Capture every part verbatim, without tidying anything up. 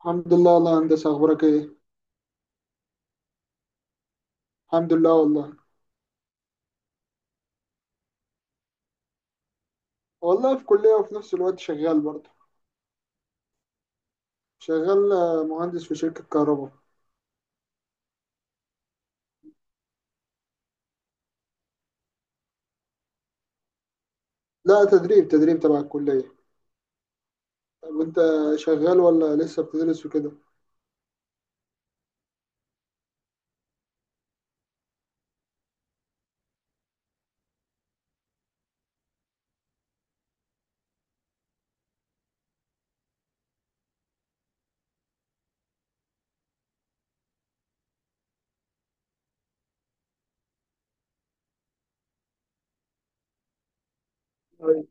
الحمد لله والله يا هندسة، أخبارك إيه؟ الحمد لله والله. والله في كلية وفي نفس الوقت شغال برضه. شغال آه، مهندس في شركة كهرباء. لا، تدريب تدريب تبع الكلية. طب وأنت شغال ولا لسه بتدرس وكده؟ أيوة.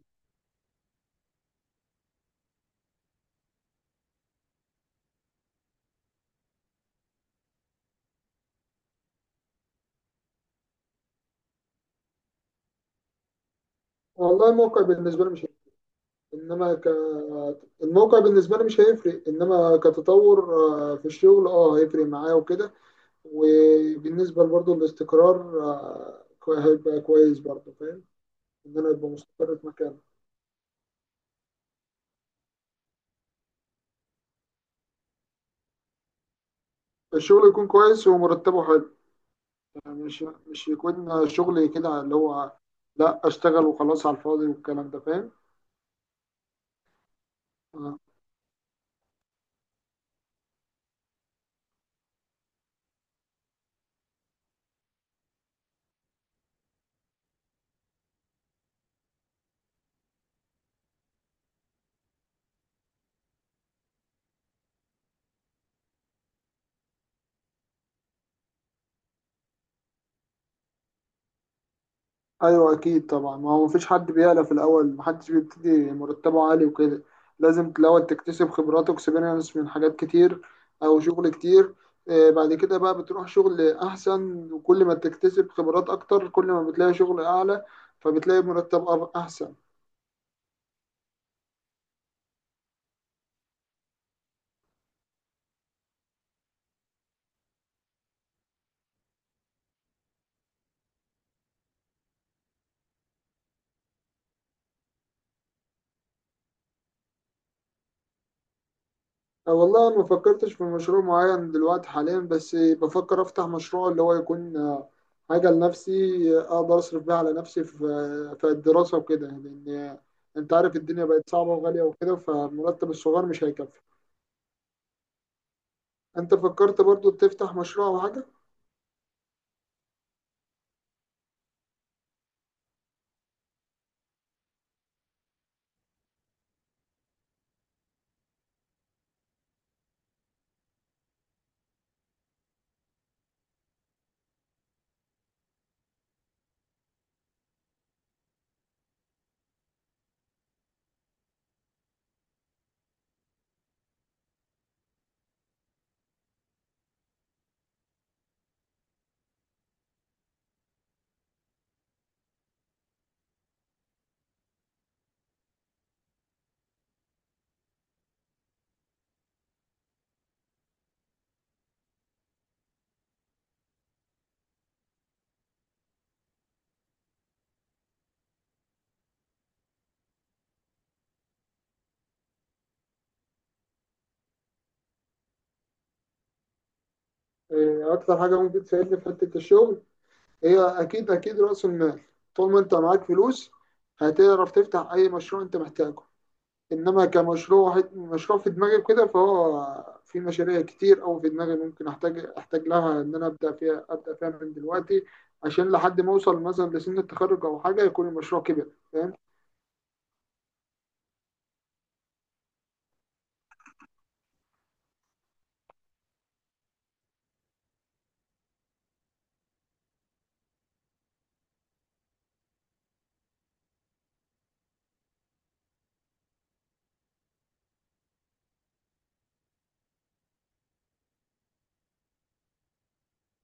والله الموقع بالنسبة لي مش هيفرق. إنما ك الموقع بالنسبة لي مش هيفرق، إنما كتطور آه، في الشغل أه هيفرق معايا وكده. وبالنسبة برضه الاستقرار آه، كوي- هيبقى كويس برضه، فاهم؟ إن أنا أبقى مستقر في مكان. الشغل يكون كويس ومرتبه حلو، مش مش يكون شغل كده اللي هو لا، اشتغل وخلاص على الفاضي، والكلام ده فاهم. آه. ايوه اكيد طبعا، ما هو مفيش حد بيعلى في الاول، محدش بيبتدي مرتبه عالي وكده. لازم الاول تكتسب خبرات واكسبيرينس من حاجات كتير او شغل كتير. آه، بعد كده بقى بتروح شغل احسن، وكل ما تكتسب خبرات اكتر كل ما بتلاقي شغل اعلى، فبتلاقي مرتب أب- احسن. أه والله، أنا ما فكرتش في مشروع معين دلوقتي حاليا، بس بفكر أفتح مشروع اللي هو يكون آه، حاجة لنفسي، آه، أقدر أصرف بيها على نفسي في في الدراسة وكده، لأن آه، أنت عارف الدنيا بقت صعبة وغالية وكده، فالمرتب الصغير مش هيكفي. أنت فكرت برضو تفتح مشروع أو حاجة؟ آه، أكتر حاجة ممكن تساعدني في حتة الشغل هي أكيد أكيد رأس المال. طول ما أنت معاك فلوس هتعرف تفتح أي مشروع أنت محتاجه. انما كمشروع مشروع في دماغي وكده، فهو في مشاريع كتير او في دماغي ممكن احتاج احتاج لها ان انا ابدا فيها ابدا فيها من دلوقتي، عشان لحد ما اوصل مثلا لسن التخرج او حاجه يكون المشروع كبر، فاهم؟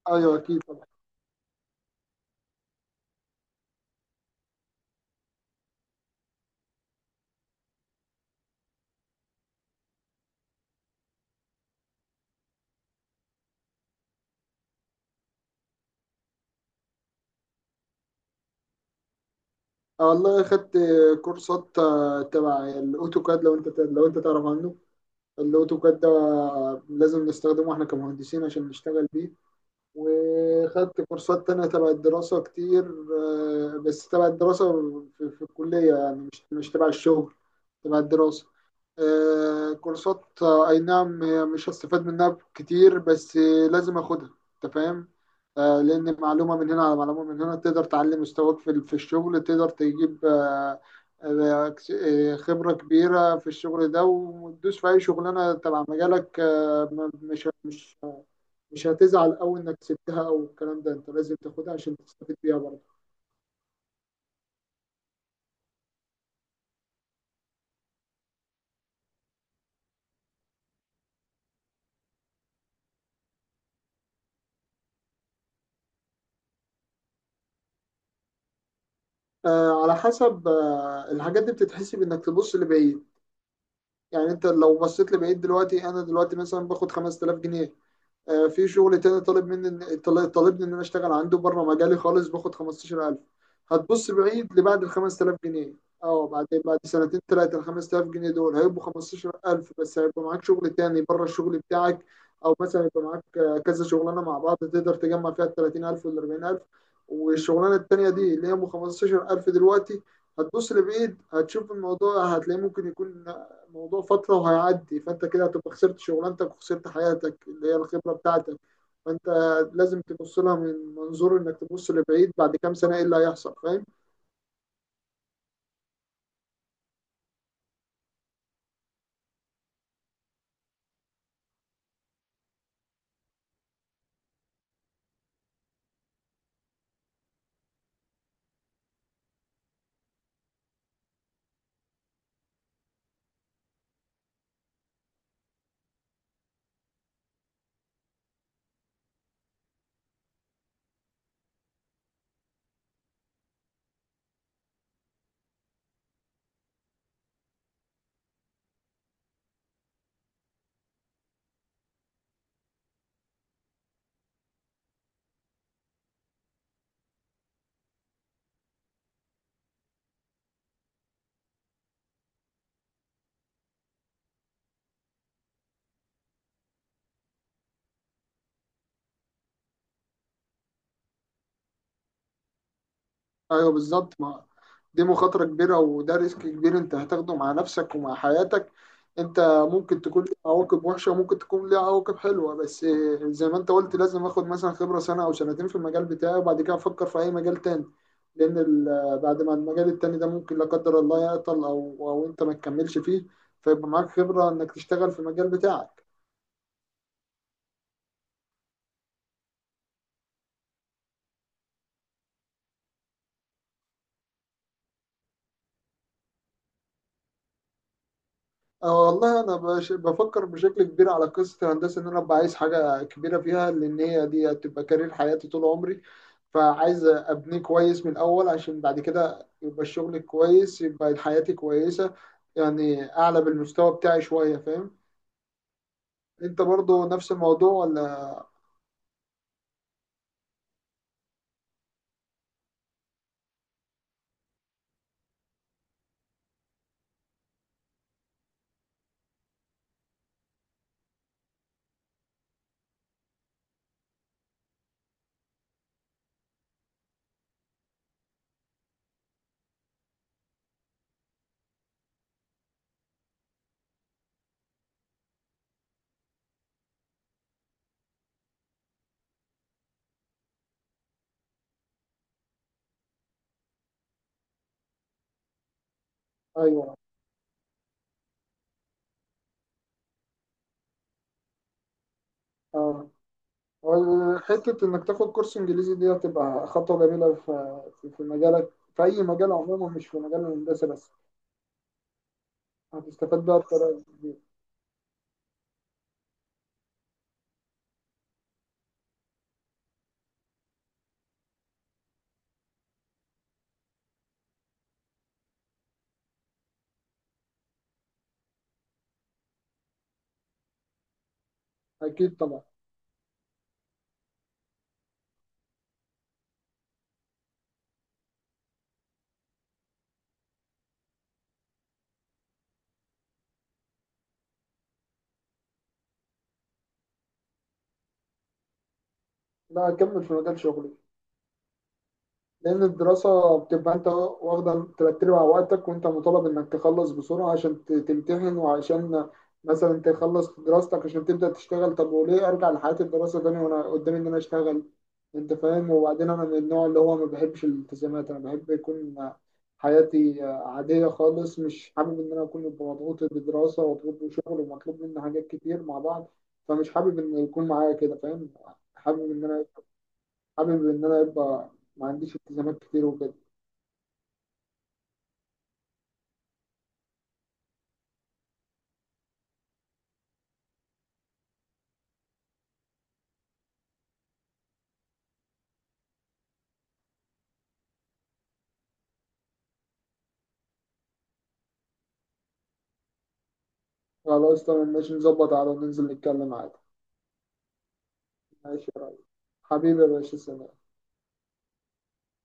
ايوه اكيد طبعا. آه والله اخدت كورسات آه، تبع الاوتوكاد، لو انت لو انت تعرف عنه. الاوتوكاد ده لازم نستخدمه احنا كمهندسين عشان نشتغل بيه. وخدت كورسات تانية تبع الدراسة كتير. آه، بس تبع الدراسة، في, في الكلية، يعني مش مش تبع الشغل، تبع الدراسة. آه، كورسات، آه، أي نعم هي مش هستفاد منها كتير، بس آه، لازم أخدها، أنت فاهم. آه، لأن معلومة من هنا على معلومة من هنا تقدر تعلي مستواك في ال- في الشغل، تقدر تجيب آه، آه، آه، خبرة كبيرة في الشغل ده، وتدوس في أي شغلانة تبع مجالك. آه، مش مش مش هتزعل قوي انك سبتها او الكلام ده، انت لازم تاخدها عشان تستفيد بيها برضه. آه على حسب، آه الحاجات دي بتتحسب انك تبص لبعيد. يعني انت لو بصيت لبعيد دلوقتي، انا دلوقتي مثلا باخد خمستلاف جنيه، آه، في شغل تاني طالب مني طال- طالبني ان انا اشتغل عنده بره مجالي خالص باخد خمسة عشر ألف. هتبص بعيد لبعد ال خمسة آلاف جنيه، اه بعد بعد سنتين ثلاثه ال خمسة آلاف جنيه دول هيبقوا خمسة عشر ألف، بس هيبقى معاك شغل تاني بره الشغل بتاعك، او مثلا يبقى معاك آه، كذا شغلانه مع بعض تقدر تجمع فيها ال ثلاثين ألف وال اربعين ألف، والشغلانه التانيه دي اللي هي ب خمسة عشر ألف دلوقتي هتبص لبعيد هتشوف الموضوع هتلاقيه ممكن يكون موضوع فترة وهيعدي، فأنت كده هتبقى خسرت شغلانتك وخسرت حياتك اللي هي الخبرة بتاعتك. فأنت لازم تبص لها من منظور إنك تبص لبعيد، بعد كام سنة إيه اللي هيحصل، فاهم؟ ايوه بالظبط، ما دي مخاطره كبيره، وده ريسك كبير انت هتاخده مع نفسك ومع حياتك. انت ممكن تكون ليه عواقب وحشه وممكن تكون ليه عواقب حلوه، بس زي ما انت قلت لازم اخد مثلا خبره سنه او سنتين في المجال بتاعي، وبعد كده افكر في اي مجال تاني، لان ال- بعد ما المجال التاني ده ممكن لا قدر الله يعطل او او انت ما تكملش فيه، فيبقى معاك خبره انك تشتغل في المجال بتاعك. اه والله، انا بش- بفكر بشكل كبير على قصه الهندسه، ان انا ابقى عايز حاجه كبيره فيها، لان هي دي هتبقى كارير حياتي طول عمري، فعايز ابنيه كويس من الاول عشان بعد كده يبقى الشغل كويس، يبقى حياتي كويسه، يعني اعلى بالمستوى بتاعي شويه، فاهم؟ انت برضو نفس الموضوع ولا؟ ايوه اه. وال- حته انك تاخد كورس انجليزي دي هتبقى خطوه جميله في في في مجالك، في اي مجال عموما، مش في مجال الهندسه بس، هتستفاد بقى بطريقه كبيره. اكيد طبعا. لا، أكمل في مجال شغلي، لأن الدراسة بتبقى أنت واخدة ترتب على وقتك، وأنت مطالب إنك تخلص بسرعة عشان ت- تمتحن، وعشان مثلا تخلص دراستك عشان تبدأ تشتغل. طب وليه أرجع لحياة الدراسة تاني وأنا قدامي إن أنا أشتغل؟ أنت فاهم. وبعدين أنا من النوع اللي هو ما بحبش الالتزامات، أنا بحب يكون حياتي عادية خالص، مش حابب إن أنا أكون مضغوط بدراسة ومضغوط بشغل ومطلوب مني حاجات كتير مع بعض، فمش حابب إن يكون معايا كده، فاهم. حابب إن أنا حابب إن أنا يبقى ما عنديش التزامات كتير وكده. خلاص تمام ماشي، نظبط على وننزل نتكلم عادي. ماشي يا ريس، حبيبي يا باشا، سلام.